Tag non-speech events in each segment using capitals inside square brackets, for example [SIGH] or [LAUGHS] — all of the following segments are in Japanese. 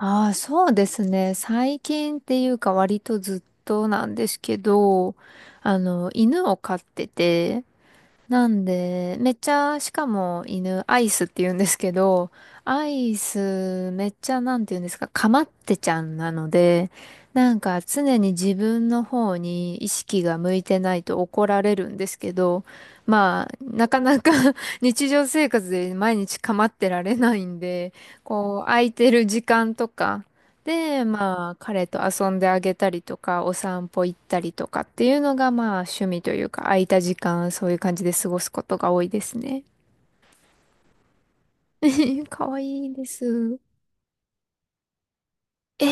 ああ、そうですね。最近っていうか割とずっとなんですけど、犬を飼ってて、なんで、めっちゃ、しかも犬、アイスって言うんですけど、アイスめっちゃ、なんて言うんですか、かまってちゃんなので、なんか常に自分の方に意識が向いてないと怒られるんですけど、まあ、なかなか [LAUGHS] 日常生活で毎日かまってられないんで、こう、空いてる時間とか、で、まあ、彼と遊んであげたりとか、お散歩行ったりとかっていうのが、まあ、趣味というか、空いた時間、そういう感じで過ごすことが多いですね。[LAUGHS] かわいいです。え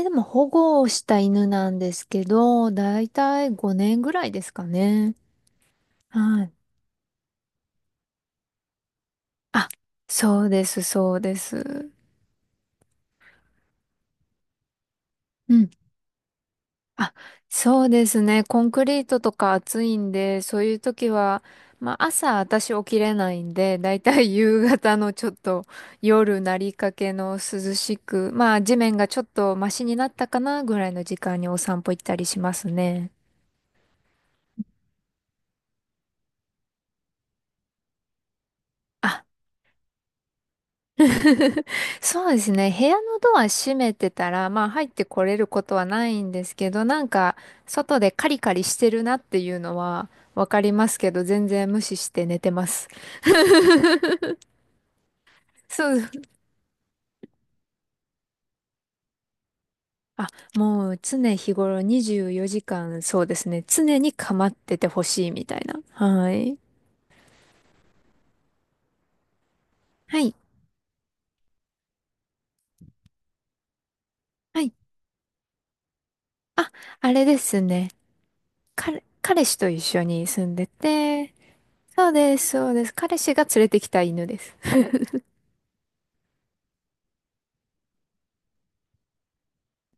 ー、でも保護をした犬なんですけど、だいたい5年ぐらいですかね。はい。あ、そうです、そうです。うん。あ、そうですね。コンクリートとか暑いんで、そういう時は、まあ朝私起きれないんで、だいたい [LAUGHS] 夕方のちょっと夜なりかけの涼しく、まあ地面がちょっとマシになったかなぐらいの時間にお散歩行ったりしますね。あ [LAUGHS] そうですね。部屋のドア閉めてたら、まあ入ってこれることはないんですけど、なんか外でカリカリしてるなっていうのはわかりますけど、全然無視して寝てます。[LAUGHS] そう。あ、もう常日頃24時間、そうですね。常に構っててほしいみたいな。はい。はい。はい。あ、あれですね。彼氏と一緒に住んでて、そうです、そうです。彼氏が連れてきた犬です。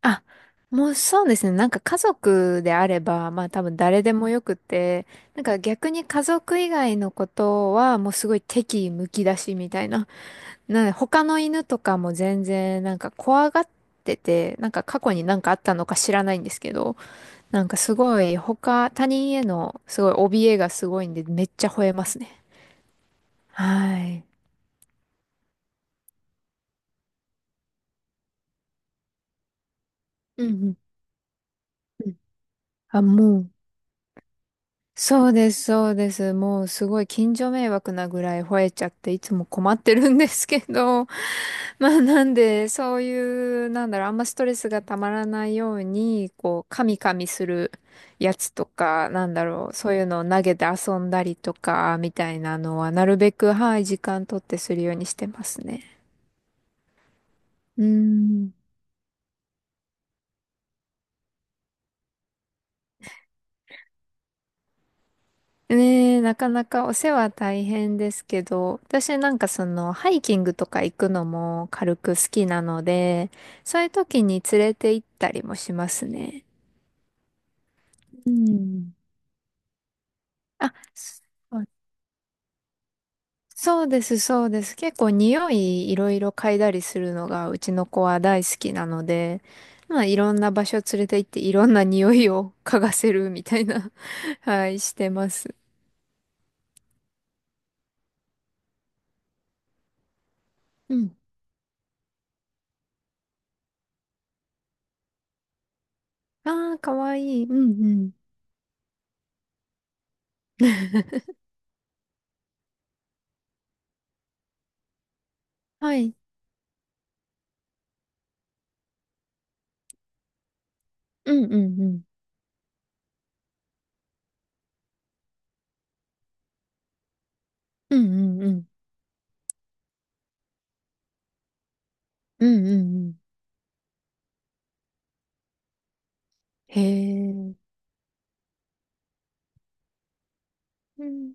あ、もうそうですね。なんか家族であれば、まあ多分誰でもよくて、なんか逆に家族以外のことはもうすごい敵意むき出しみたいな。なんで他の犬とかも全然なんか怖がってて、なんか過去になんかあったのか知らないんですけど、なんかすごい他人へのすごい怯えがすごいんでめっちゃ吠えますね。はい。うんうんうん。あ、もう。そうです、そうです。もうすごい近所迷惑なぐらい吠えちゃっていつも困ってるんですけど、[LAUGHS] まあなんでそういう、なんだろう、あんまストレスがたまらないように、こう、カミカミするやつとか、なんだろう、そういうのを投げて遊んだりとか、みたいなのはなるべく、はい、時間取ってするようにしてますね。うん。ねえ、なかなかお世話大変ですけど、私なんかそのハイキングとか行くのも軽く好きなので、そういう時に連れて行ったりもしますね。うん。あ、そうそうです、そうです。結構匂いいろいろ嗅いだりするのがうちの子は大好きなので、まあいろんな場所連れて行っていろんな匂いを嗅がせるみたいな [LAUGHS] はい、してます。うん。ああ、かわいい。うんうん。[LAUGHS] はい。うんうんうん。うんうんうん。うんうんうん。へえ。うん。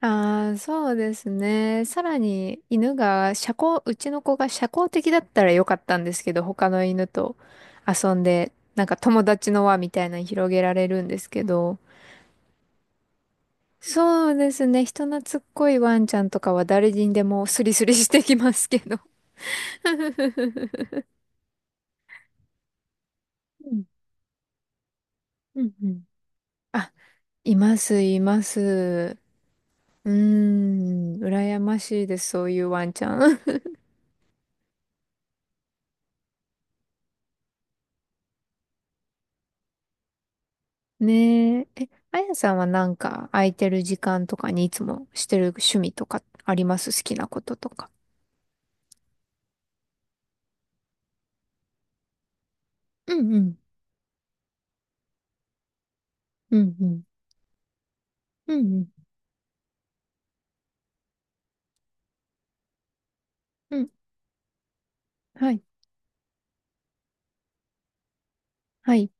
ああ、そうですね。さらに犬が社交、うちの子が社交的だったらよかったんですけど、他の犬と遊んで、なんか友達の輪みたいなの広げられるんですけど、そうですね。人懐っこいワンちゃんとかは誰にでもスリスリしてきますけど。[LAUGHS] うんうんうん。[LAUGHS] あ、います、います。うーん、羨ましいです、そういうワンちゃん。[LAUGHS] ねえ。え、あやさんはなんか空いてる時間とかにいつもしてる趣味とかあります？好きなこととか。うんうん。うんうん。うんうん。うん。はい。はい。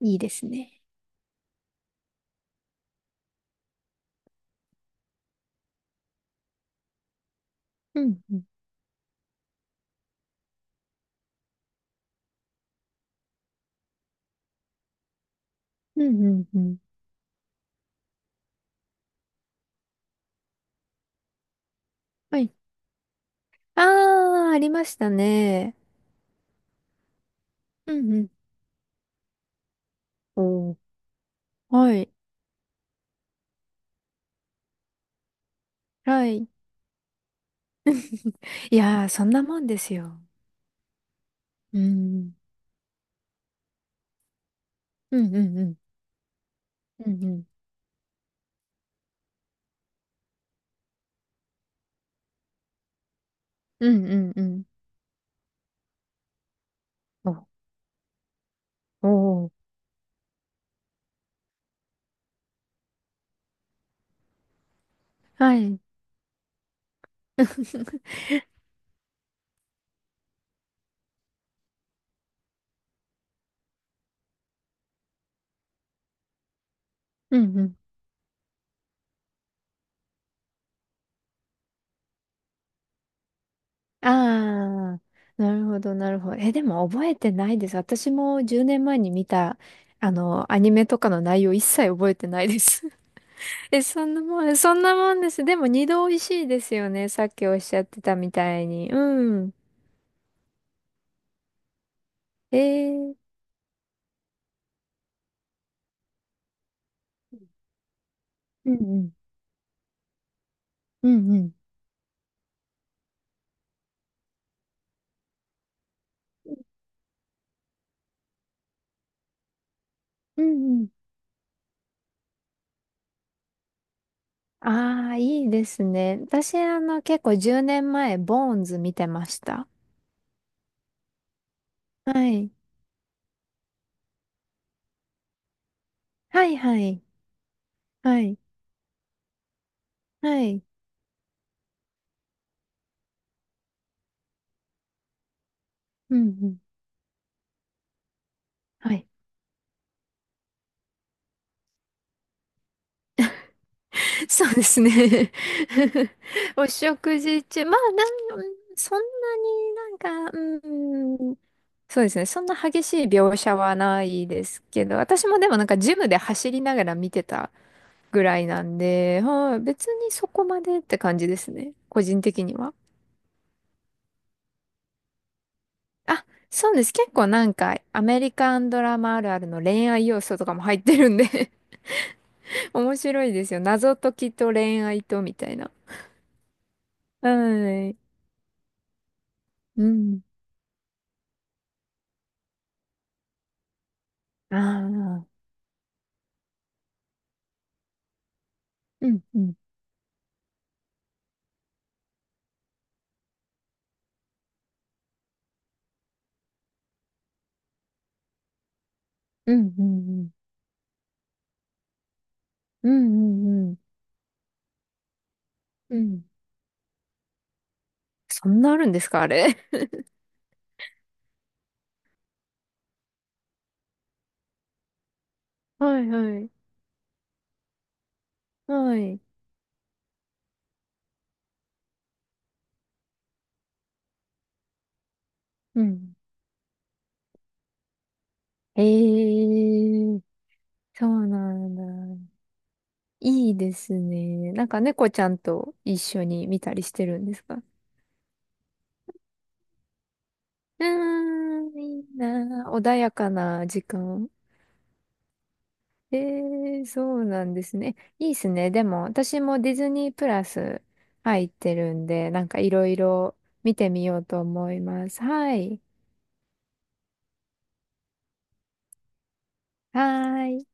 いいですね。うんうん。うんうんうん。はい。あー、ありましたね。うんうん。おーはい。はい。いやー、そんなもんですよ。うん。うんうんうん。うんうん。うんうんうん。お、おー。はい。うんうん。[LAUGHS] ああ、なるほど、なるほど。え、でも覚えてないです。私も10年前に見た、アニメとかの内容一切覚えてないです。[LAUGHS] え、そんなもんです。でも二度美味しいですよね。さっきおっしゃってたみたいに。うん。えー、うんうん。うんうん。うんうん。ああ、いいですね。私、結構10年前、ボーンズ見てました。はい。はいはい。はい。はい。うんうん。はい [LAUGHS] そうですね。[LAUGHS] お食事中、まあ、そんなになんか、うん、そうですね。そんな激しい描写はないですけど、私もでもなんかジムで走りながら見てたぐらいなんで、はい、別にそこまでって感じですね。個人的には。あ、そうです。結構なんかアメリカンドラマあるあるの恋愛要素とかも入ってるんで [LAUGHS] 面白いですよ。謎解きと恋愛とみたいな。はい。うん。ああ。うん、うん、うん、うん、うん、うん、うん、うん。そんなあるんですか、あれ？[LAUGHS] はい、はい、はい。うん。へえ、そうなんだ。いいですね。なんか猫ちゃんと一緒に見たりしてるんですか？うーん、いいなあ。穏やかな時間。ええ、そうなんですね。いいですね。でも、私もディズニープラス入ってるんで、なんかいろいろ見てみようと思います。はい。はーい